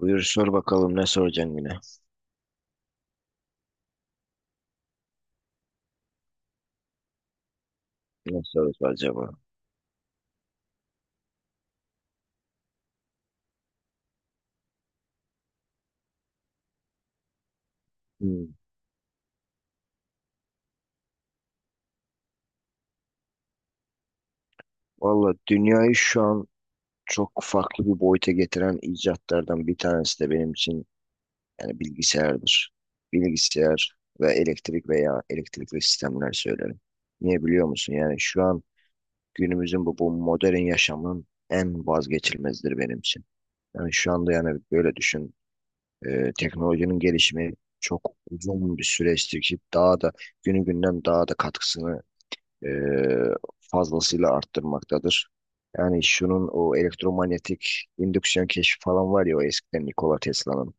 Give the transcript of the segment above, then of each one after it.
Buyur sor bakalım ne soracaksın yine? Ne sorusu acaba? Hmm. Valla dünyayı şu an çok farklı bir boyuta getiren icatlardan bir tanesi de benim için yani bilgisayardır. Bilgisayar ve elektrik veya elektrikli sistemler söylerim. Niye biliyor musun? Yani şu an günümüzün bu modern yaşamın en vazgeçilmezidir benim için. Yani şu anda yani böyle düşün. Teknolojinin gelişimi çok uzun bir süreçtir ki daha da günü günden daha da katkısını e, fazlasıyla arttırmaktadır. Yani şunun o elektromanyetik indüksiyon keşfi falan var ya o eskiden Nikola Tesla'nın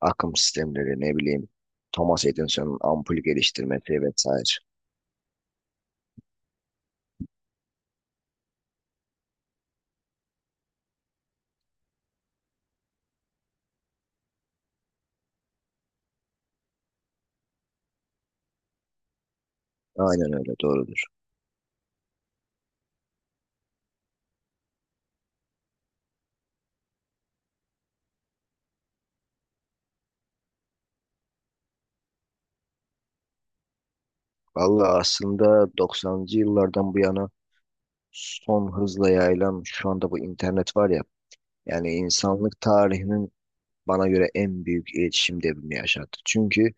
akım sistemleri ne bileyim Thomas Edison'un ampul geliştirmesi vesaire. Aynen öyle doğrudur. Valla aslında 90'cı yıllardan bu yana son hızla yayılan şu anda bu internet var ya yani insanlık tarihinin bana göre en büyük iletişim devrimi yaşattı. Çünkü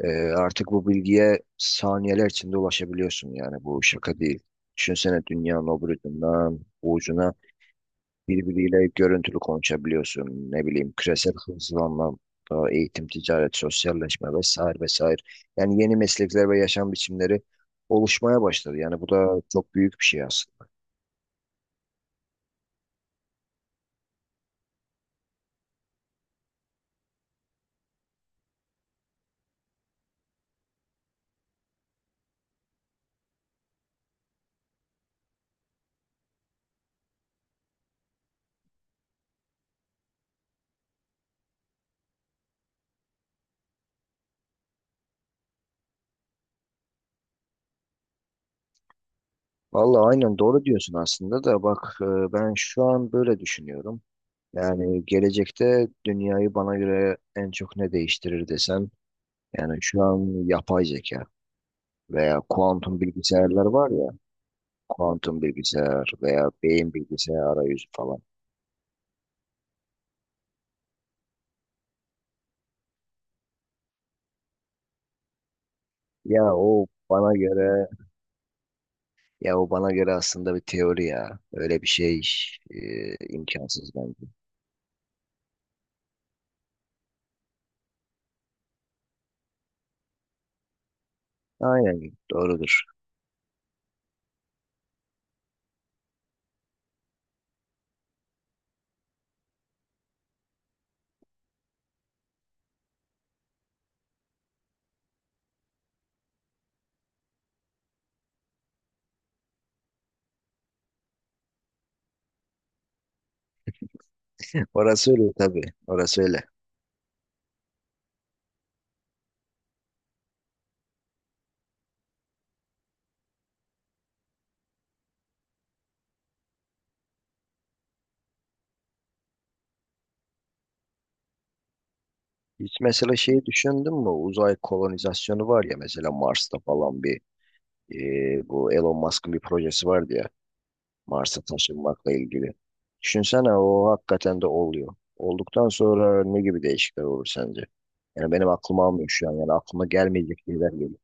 Ee, artık bu bilgiye saniyeler içinde ulaşabiliyorsun yani bu şaka değil. Düşünsene dünyanın öbür ucundan bu ucuna birbiriyle görüntülü konuşabiliyorsun. Ne bileyim küresel hızlanma, eğitim, ticaret, sosyalleşme vesaire vesaire. Yani yeni meslekler ve yaşam biçimleri oluşmaya başladı. Yani bu da çok büyük bir şey aslında. Vallahi aynen doğru diyorsun aslında da bak ben şu an böyle düşünüyorum. Yani gelecekte dünyayı bana göre en çok ne değiştirir desem yani şu an yapay zeka veya kuantum bilgisayarlar var ya, kuantum bilgisayar veya beyin bilgisayar arayüzü falan. Ya o bana göre, ya o bana göre aslında bir teori ya. Öyle bir şey imkansız bence. Aynen doğrudur. Orası öyle tabii, orası öyle. Hiç mesela şeyi düşündün mü? Uzay kolonizasyonu var ya mesela Mars'ta falan bir bu Elon Musk'ın bir projesi vardı ya. Mars'a taşınmakla ilgili. Düşünsene o hakikaten de oluyor. Olduktan sonra ne gibi değişiklikler olur sence? Yani benim aklım almıyor şu an. Yani aklıma gelmeyecek şeyler geliyor.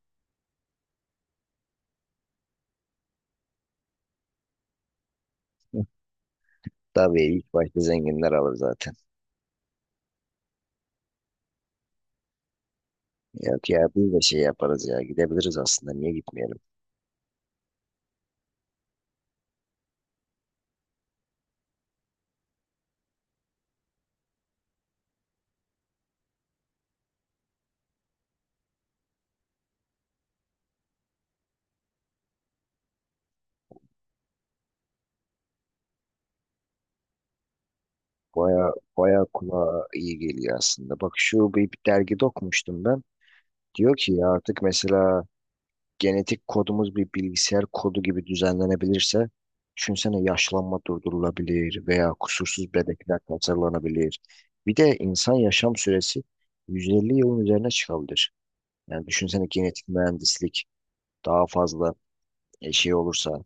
Tabii ilk başta zenginler alır zaten. Ya, ya biz de şey yaparız ya gidebiliriz aslında niye gitmeyelim? Baya baya kulağa iyi geliyor aslında. Bak şu bir dergide okumuştum ben. Diyor ki ya artık mesela genetik kodumuz bir bilgisayar kodu gibi düzenlenebilirse, düşünsene yaşlanma durdurulabilir veya kusursuz bebekler tasarlanabilir. Bir de insan yaşam süresi 150 yılın üzerine çıkabilir. Yani düşünsene genetik mühendislik daha fazla şey olursa.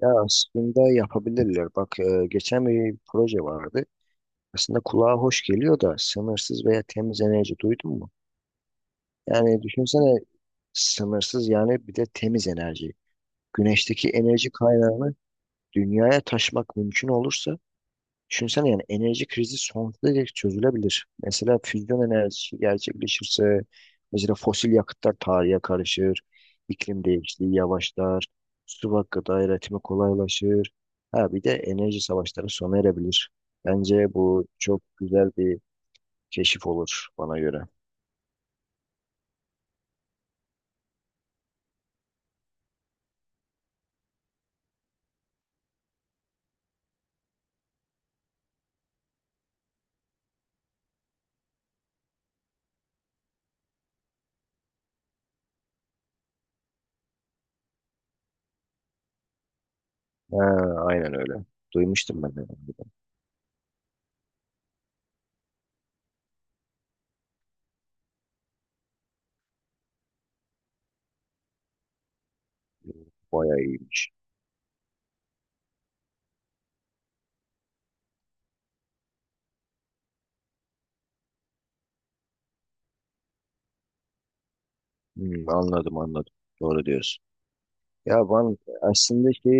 Ya aslında yapabilirler. Bak geçen bir proje vardı. Aslında kulağa hoş geliyor da sınırsız veya temiz enerji duydun mu? Yani düşünsene sınırsız yani bir de temiz enerji. Güneşteki enerji kaynağını dünyaya taşmak mümkün olursa düşünsene yani enerji krizi sonsuza dek çözülebilir. Mesela füzyon enerjisi gerçekleşirse mesela fosil yakıtlar tarihe karışır, iklim değişikliği yavaşlar, su ve gıda üretimi kolaylaşır. Ha bir de enerji savaşları sona erebilir. Bence bu çok güzel bir keşif olur bana göre. Ha, aynen öyle. Duymuştum ben de. Bayağı iyiymiş. Hmm, anladım anladım. Doğru diyorsun. Ya ben aslında şey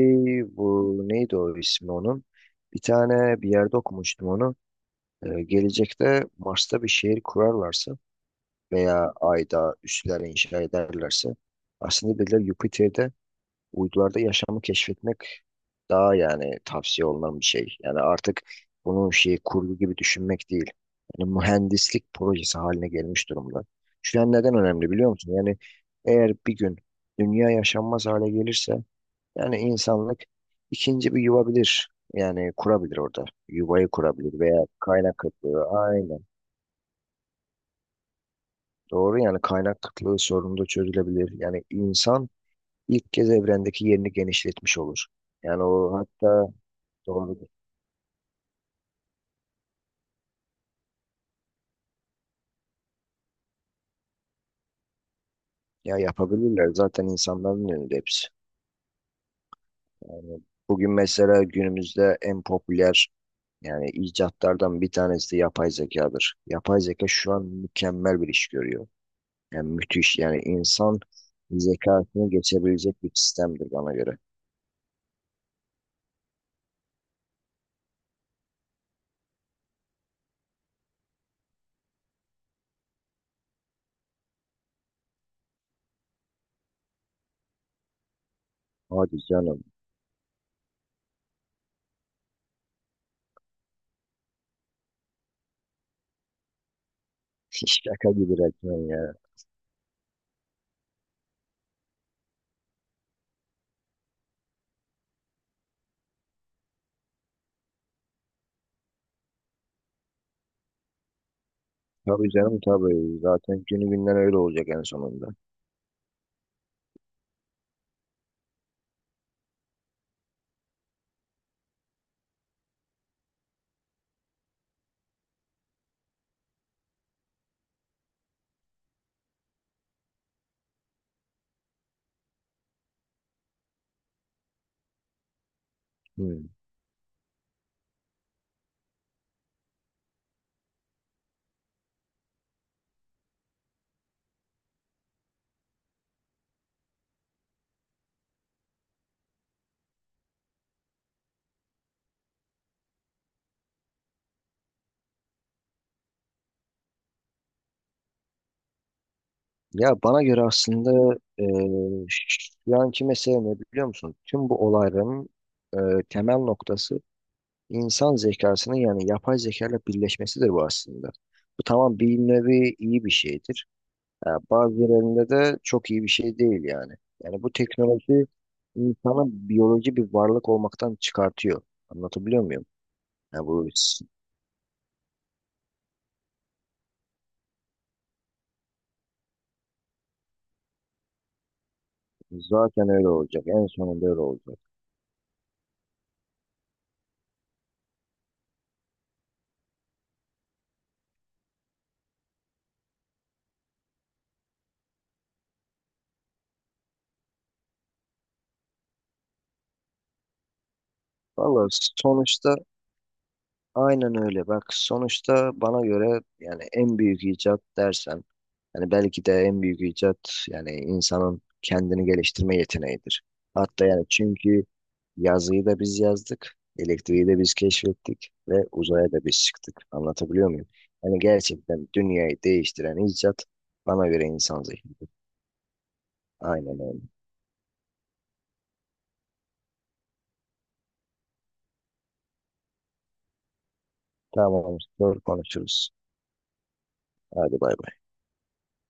bu neydi o ismi onun? Bir tane bir yerde okumuştum onu. Gelecekte Mars'ta bir şehir kurarlarsa veya Ay'da üsler inşa ederlerse aslında dediler Jüpiter'de uydularda yaşamı keşfetmek daha yani tavsiye olunan bir şey. Yani artık bunu şey kurgu gibi düşünmek değil. Yani mühendislik projesi haline gelmiş durumda. Şu an neden önemli biliyor musun? Yani eğer bir gün dünya yaşanmaz hale gelirse yani insanlık ikinci bir yuva bilir. Yani kurabilir orada. Yuvayı kurabilir veya kaynak kıtlığı. Aynen. Doğru yani kaynak kıtlığı sorunu da çözülebilir. Yani insan ilk kez evrendeki yerini genişletmiş olur. Yani o hatta doğru. Ya yapabilirler zaten insanların önünde hepsi. Yani bugün mesela günümüzde en popüler yani icatlardan bir tanesi de yapay zekadır. Yapay zeka şu an mükemmel bir iş görüyor. Yani müthiş yani insan zekasını geçebilecek bir sistemdir bana göre. Hadi canım. Şaka gibi resmen ya. Tabii canım tabii. Zaten günü günden öyle olacak en sonunda. Hmm. Ya bana göre aslında şu anki mesele ne biliyor musun? Tüm bu olayların e, temel noktası insan zekasının yani yapay zeka ile birleşmesidir bu aslında. Bu tamam bir nevi iyi bir şeydir. Ya bazı yerlerinde de çok iyi bir şey değil yani. Yani bu teknoloji insanı biyoloji bir varlık olmaktan çıkartıyor. Anlatabiliyor muyum? Ya bu s- Zaten öyle olacak. En sonunda öyle olacak. Valla sonuçta aynen öyle. Bak sonuçta bana göre yani en büyük icat dersen yani belki de en büyük icat yani insanın kendini geliştirme yeteneğidir. Hatta yani çünkü yazıyı da biz yazdık, elektriği de biz keşfettik ve uzaya da biz çıktık. Anlatabiliyor muyum? Yani gerçekten dünyayı değiştiren icat bana göre insan zihni. Aynen öyle. Tamam, sonra konuşuruz. Hadi bay bay.